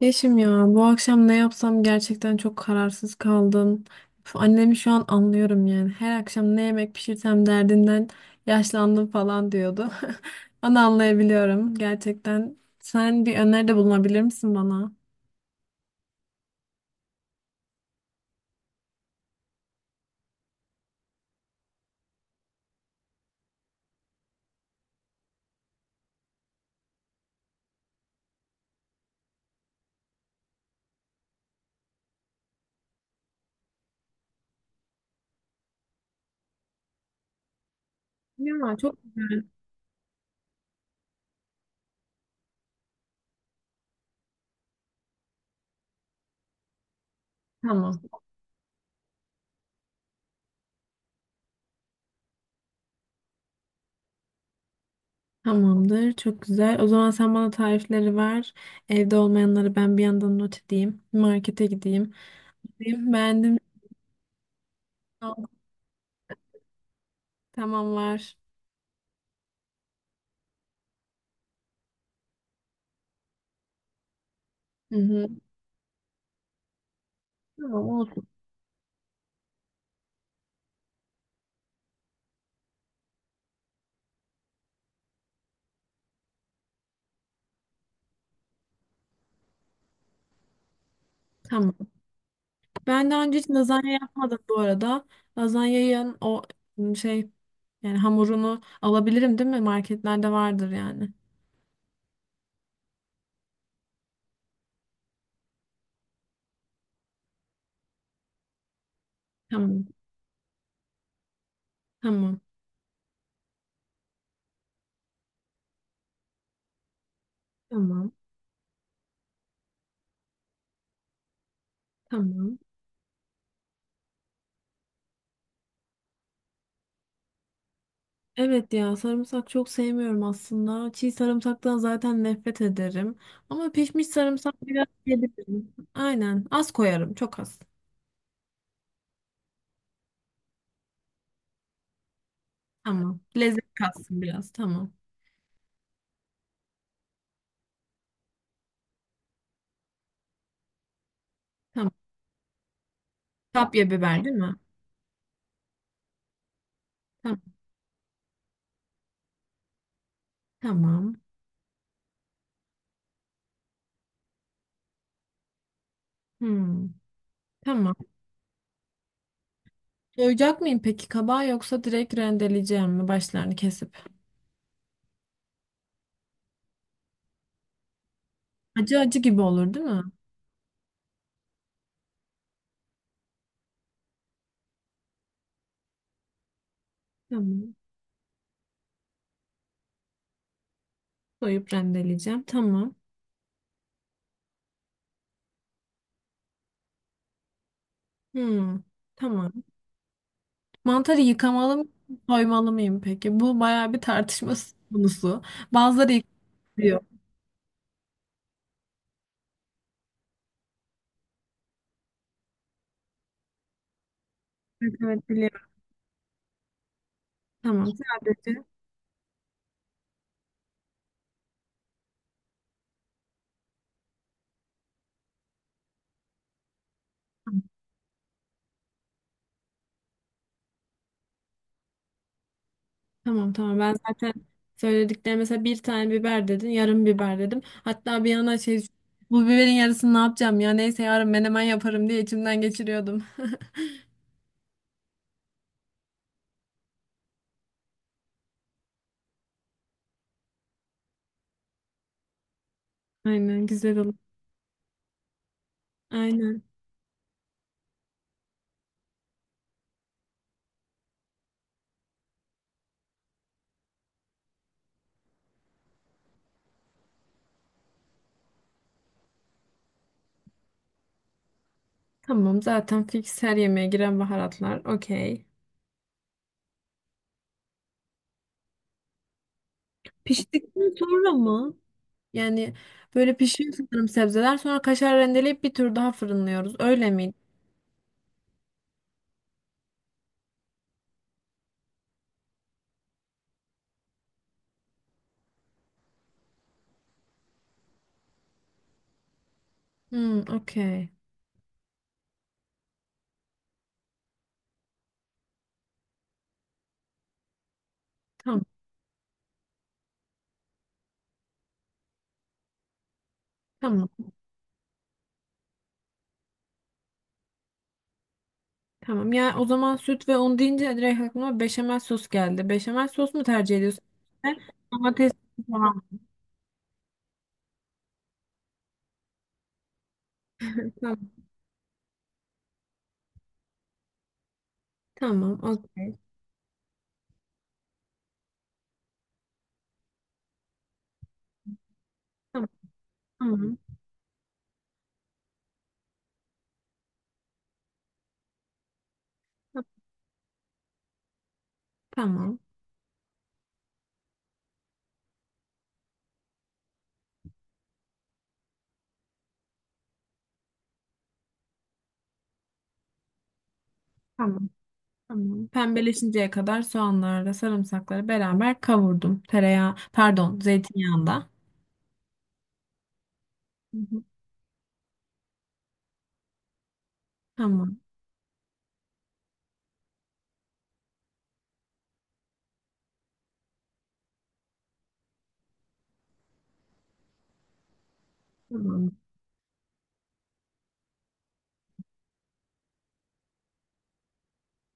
Yeşim ya, bu akşam ne yapsam gerçekten çok kararsız kaldım. Annemi şu an anlıyorum yani. Her akşam ne yemek pişirsem derdinden yaşlandım falan diyordu. Onu anlayabiliyorum gerçekten. Sen bir öneride bulunabilir misin bana? Ya, çok güzel. Tamam. Tamamdır. Çok güzel. O zaman sen bana tarifleri ver. Evde olmayanları ben bir yandan not edeyim. Markete gideyim. Beğendim. Tamam, var. Hı hı. Tamam, olsun. Tamam. Ben daha önce hiç lazanya yapmadım bu arada. Lazanyanın o şey, yani hamurunu alabilirim değil mi? Marketlerde vardır yani. Tamam. Tamam. Tamam. Tamam. Evet ya, sarımsak çok sevmiyorum aslında. Çiğ sarımsaktan zaten nefret ederim. Ama pişmiş sarımsak biraz yiyebilirim. Aynen. Az koyarım. Çok az. Tamam. Lezzet katsın biraz. Tamam. Tamam. Kapya biber değil mi? Tamam. Tamam. Hmm. Tamam. Soyacak mıyım peki kabağı, yoksa direkt rendeleyeceğim mi başlarını kesip? Acı acı gibi olur değil mi? Tamam. Soyup rendeleyeceğim. Tamam. Hmm. Tamam. Mantarı yıkamalı mı, soymalı mıyım peki? Bu bayağı bir tartışma konusu. Bazıları yıkıyor. Evet, evet, biliyorum. Tamam. Sadece. Tamam, tamam, tamam. Ben zaten söylediklerim, mesela bir tane biber dedin, yarım biber dedim. Hatta bir yana şey, bu biberin yarısını ne yapacağım ya, neyse yarın menemen yaparım diye içimden geçiriyordum. Aynen, güzel olur. Aynen. Tamam, zaten fix her yemeğe giren baharatlar. Okey. Piştikten sonra mı? Yani böyle pişiyor sanırım sebzeler. Sonra kaşar rendeleyip bir tur daha fırınlıyoruz. Öyle miydi? Hmm, okey. Tamam. Tamam. Tamam. Ya o zaman süt ve un deyince direkt aklıma beşamel sos geldi. Beşamel sos mu tercih ediyorsun? Ben domates falan. Tamam. Tamam. Okey. Tamam. Tamam. Tamam. Tamam. Tamam. Pembeleşinceye kadar soğanlarla sarımsakları beraber kavurdum. Tereyağı, pardon, zeytinyağında. Hı hı. Tamam. Tamam.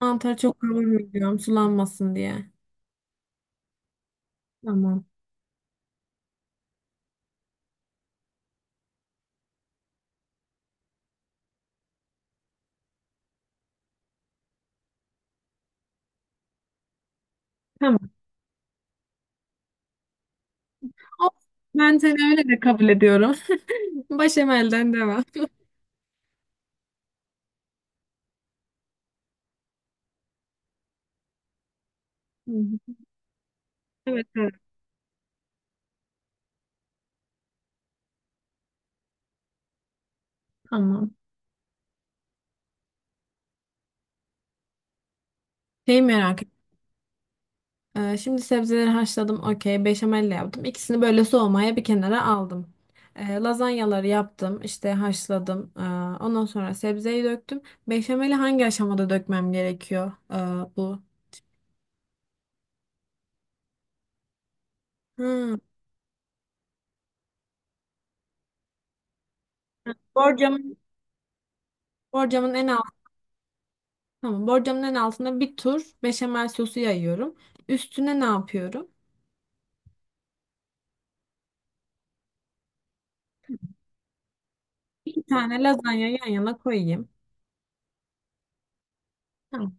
Mantarı çok kavurmayacağım sulanmasın diye. Tamam. Tamam. Of, ben seni öyle de kabul ediyorum. Başemelden devam. Hı hı. Evet, evet. Tamam. Şeyi merak şimdi sebzeleri haşladım. Okey. Beşamelle yaptım. İkisini böyle soğumaya bir kenara aldım. Lazanyaları yaptım, işte haşladım. Ondan sonra sebzeyi döktüm. Beşameli hangi aşamada dökmem gerekiyor? Bu. Hmm. Borcamın, borcamın en altı, tamam. Borcamın en altına bir tur beşamel sosu yayıyorum. Üstüne ne yapıyorum? İki tane lazanya yan yana koyayım. Tamam.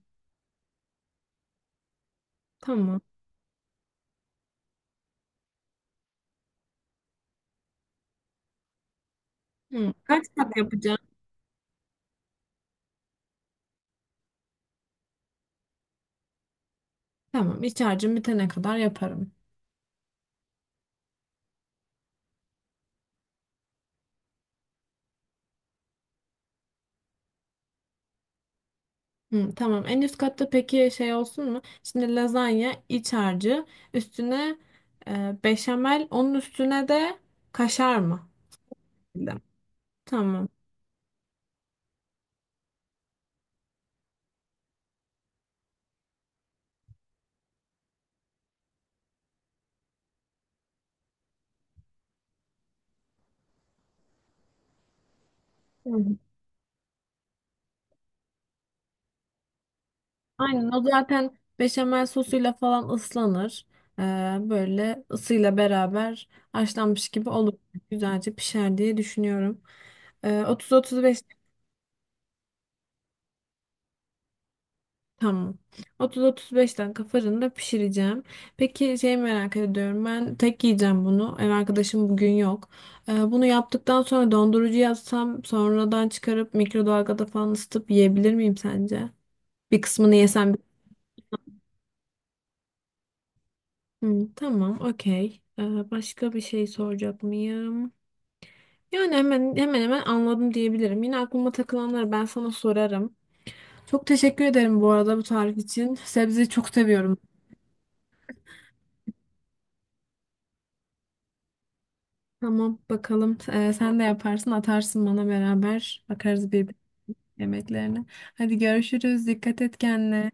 Tamam. Hmm. Kaç kat yapacağım? Tamam. İç harcım bitene kadar yaparım. Hı, tamam. En üst katta peki şey olsun mu? Şimdi lazanya iç harcı, üstüne beşamel, onun üstüne de kaşar mı? Dedim. Tamam. Hı hı. Aynen, o zaten beşamel sosuyla falan ıslanır. E, böyle ısıyla beraber haşlanmış gibi olur. Güzelce pişer diye düşünüyorum. E, 30-35 Tamam. 30-35 dakika fırında pişireceğim. Peki şey merak ediyorum. Ben tek yiyeceğim bunu. Ev arkadaşım bugün yok. Bunu yaptıktan sonra dondurucuya atsam, sonradan çıkarıp mikrodalgada falan ısıtıp yiyebilir miyim sence? Bir kısmını yesem. Hı, tamam, okey. Başka bir şey soracak mıyım? Yani hemen hemen anladım diyebilirim. Yine aklıma takılanları ben sana sorarım. Çok teşekkür ederim bu arada bu tarif için. Sebzeyi çok seviyorum. Tamam, bakalım. Sen de yaparsın, atarsın bana, beraber bakarız birbirine yemeklerine. Hadi görüşürüz. Dikkat et kendine.